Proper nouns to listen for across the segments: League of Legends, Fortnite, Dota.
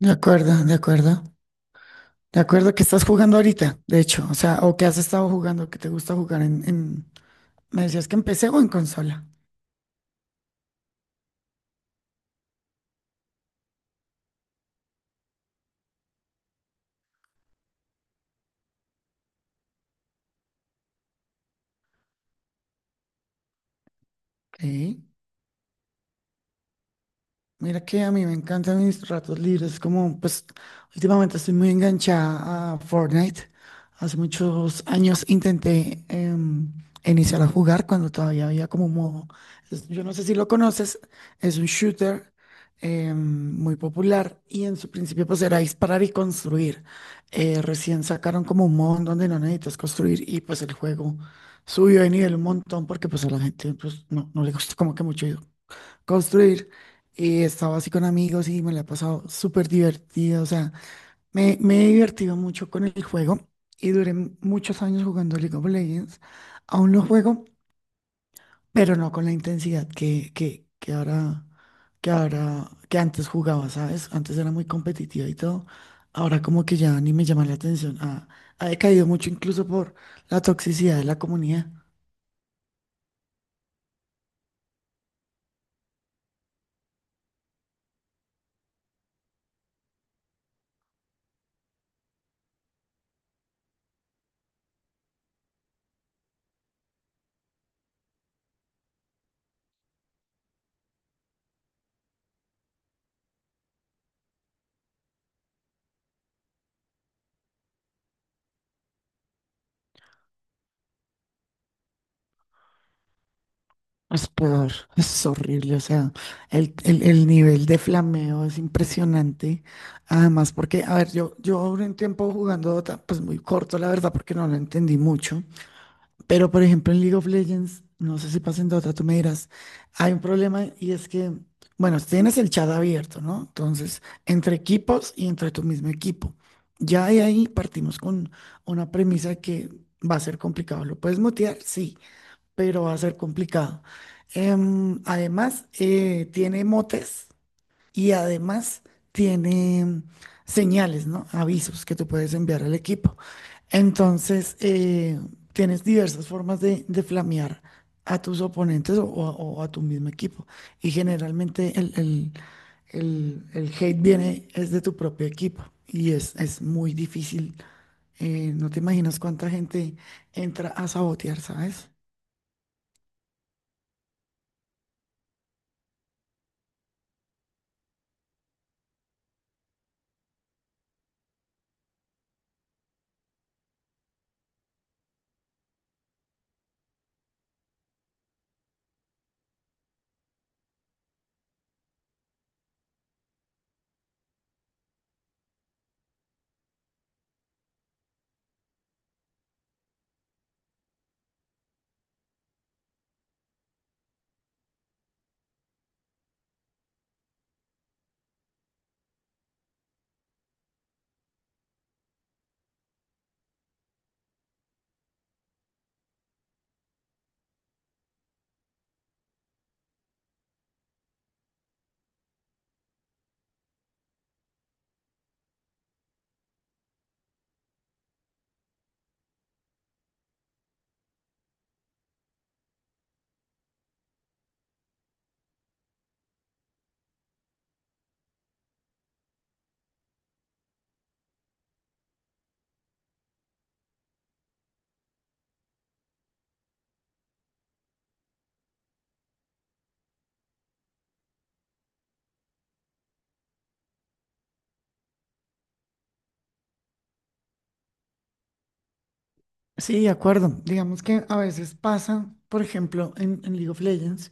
De acuerdo, de acuerdo. De acuerdo que estás jugando ahorita, de hecho. O sea, o que has estado jugando, que te gusta jugar en... Me decías que en PC o en consola. Ok. Mira que a mí me encantan mis ratos libres, como pues últimamente estoy muy enganchada a Fortnite. Hace muchos años intenté iniciar a jugar cuando todavía había como un modo. Yo no sé si lo conoces, es un shooter muy popular y en su principio pues era disparar y construir. Recién sacaron como un modo en donde no necesitas construir y pues el juego subió de nivel un montón porque pues a la gente pues no le gusta como que mucho construir. Y he estado así con amigos y me la he pasado súper divertido. O sea, me he divertido mucho con el juego y duré muchos años jugando League of Legends. Aún lo juego, pero no con la intensidad que antes jugaba, ¿sabes? Antes era muy competitiva y todo. Ahora como que ya ni me llama la atención. Ha decaído mucho incluso por la toxicidad de la comunidad. Es peor, es horrible, o sea, el nivel de flameo es impresionante. Además, porque, a ver, yo duré un tiempo jugando Dota, pues muy corto, la verdad, porque no lo entendí mucho. Pero, por ejemplo, en League of Legends, no sé si pasa en Dota, tú me dirás, hay un problema y es que, bueno, tienes el chat abierto, ¿no? Entonces, entre equipos y entre tu mismo equipo. Ya de ahí partimos con una premisa que va a ser complicado. ¿Lo puedes mutear? Sí, pero va a ser complicado. Además, tiene motes y además tiene señales, ¿no? Avisos que tú puedes enviar al equipo. Entonces, tienes diversas formas de flamear a tus oponentes o a tu mismo equipo. Y generalmente el hate viene es de tu propio equipo y es muy difícil. No te imaginas cuánta gente entra a sabotear, ¿sabes? Sí, de acuerdo. Digamos que a veces pasa, por ejemplo, en League of Legends,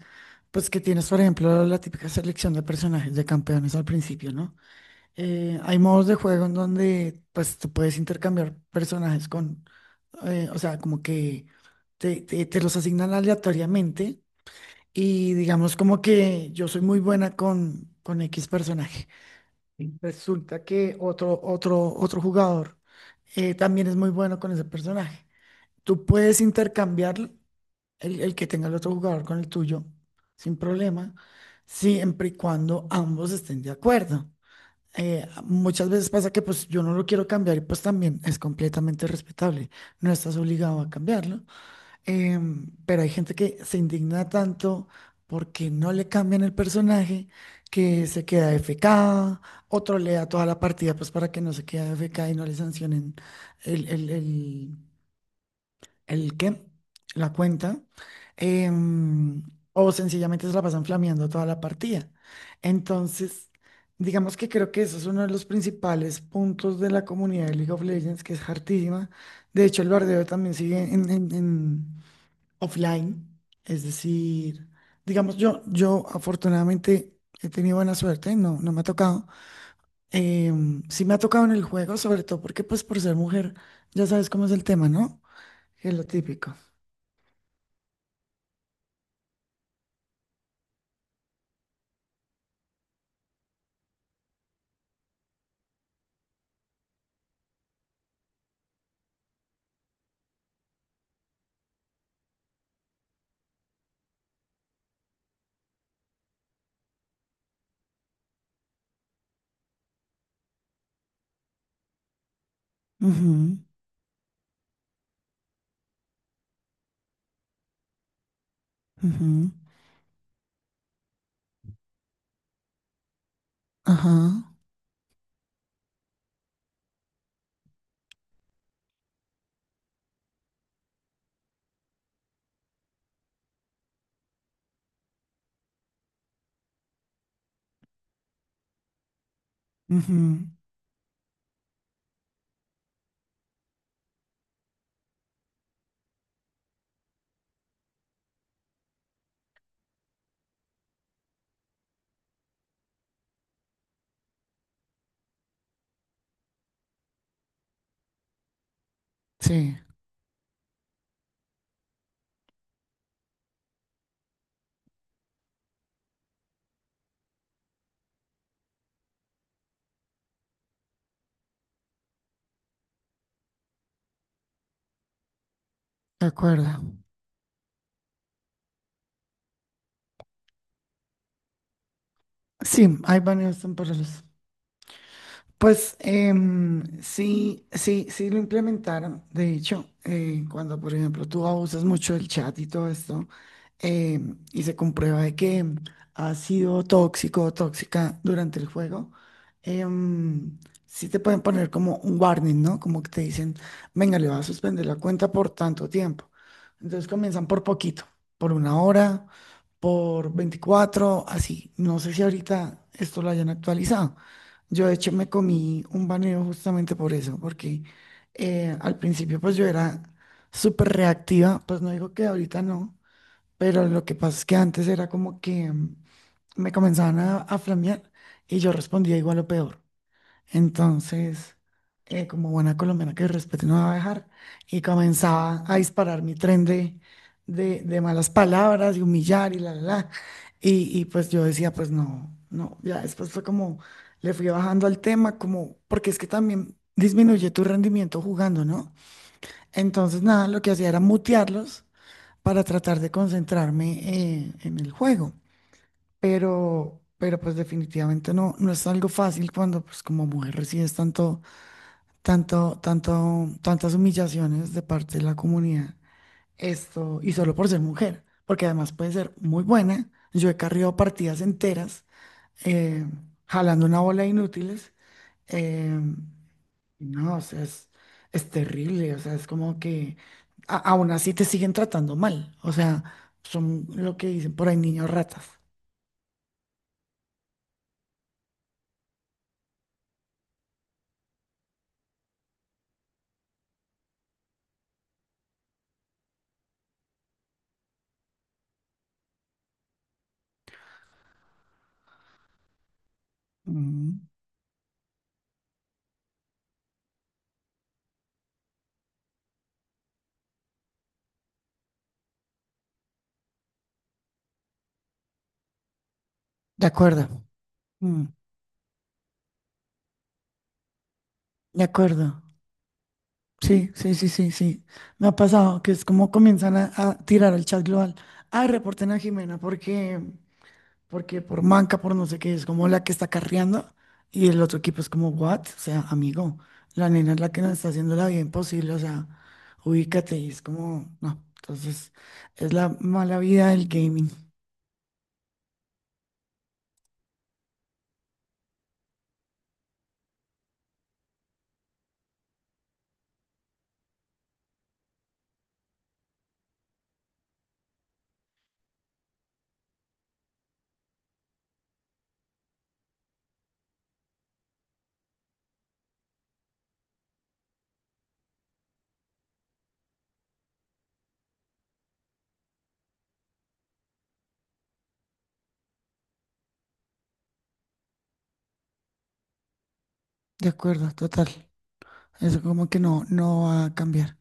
pues que tienes, por ejemplo, la típica selección de personajes de campeones al principio, ¿no? Hay modos de juego en donde, pues, tú puedes intercambiar personajes con, o sea, como que te los asignan aleatoriamente y digamos como que yo soy muy buena con X personaje. Sí. Resulta que otro jugador también es muy bueno con ese personaje. Tú puedes intercambiar el que tenga el otro jugador con el tuyo sin problema, siempre y cuando ambos estén de acuerdo. Muchas veces pasa que pues yo no lo quiero cambiar y pues también es completamente respetable, no estás obligado a cambiarlo. Pero hay gente que se indigna tanto porque no le cambian el personaje, que se queda FK, otro le da toda la partida pues para que no se quede FK y no le sancionen el, el, el- ¿El qué? La cuenta. em, o sencillamente se la pasan flameando toda la partida. Entonces, digamos que creo que eso es uno de los principales puntos de la comunidad de League of Legends, que es hartísima. De hecho, el bardeo también sigue en offline. Es decir, digamos, yo afortunadamente he tenido buena suerte, no me ha tocado. Sí me ha tocado en el juego, sobre todo porque pues por ser mujer, ya sabes cómo es el tema, ¿no? Que es lo típico. Ujú, ujú, ajá. Ujú, sí, de acuerdo. Sí, hay baños temporales. Pues sí, sí lo implementaron. De hecho, cuando, por ejemplo, tú abusas mucho del chat y todo esto, y se comprueba de que has sido tóxico o tóxica durante el juego, em, sí te pueden poner como un warning, ¿no? Como que te dicen, venga, le vas a suspender la cuenta por tanto tiempo. Entonces comienzan por poquito, por una hora, por 24, así. No sé si ahorita esto lo hayan actualizado. Yo de hecho me comí un baneo justamente por eso, porque al principio pues yo era súper reactiva, pues no digo que ahorita no, pero lo que pasa es que antes era como que me comenzaban a flamear y yo respondía igual o peor. Entonces, como buena colombiana, que respeto no me va a dejar. Y comenzaba a disparar mi tren de malas palabras y humillar y la. Y pues yo decía, pues no. Ya después fue como, le fui bajando al tema, como, porque es que también disminuye tu rendimiento jugando, ¿no? Entonces, nada, lo que hacía era mutearlos para tratar de concentrarme en el juego. Pero pues definitivamente no es algo fácil cuando, pues como mujer recibes tanto tantas humillaciones de parte de la comunidad. Esto, y solo por ser mujer, porque además puede ser muy buena. Yo he cargado partidas enteras, eh, jalando una bola de inútiles. eh, no, o sea, es terrible, o sea, es como que aún así te siguen tratando mal. O sea, son lo que dicen por ahí, niños ratas. Mm, de acuerdo, mm, de acuerdo. Sí, sí, sí, sí, sí. Me ha pasado que es como comienzan a tirar al chat global. Ah, reporten a Jimena porque, porque por manca, por no sé qué, es como la que está carreando. Y el otro equipo es como, what? O sea, amigo, la nena es la que nos está haciendo la vida imposible. O sea, ubícate, y es como, no. Entonces, es la mala vida del gaming. De acuerdo, total. Eso como que no, no va a cambiar.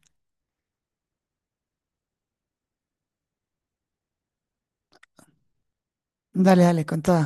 Dale, dale, contada.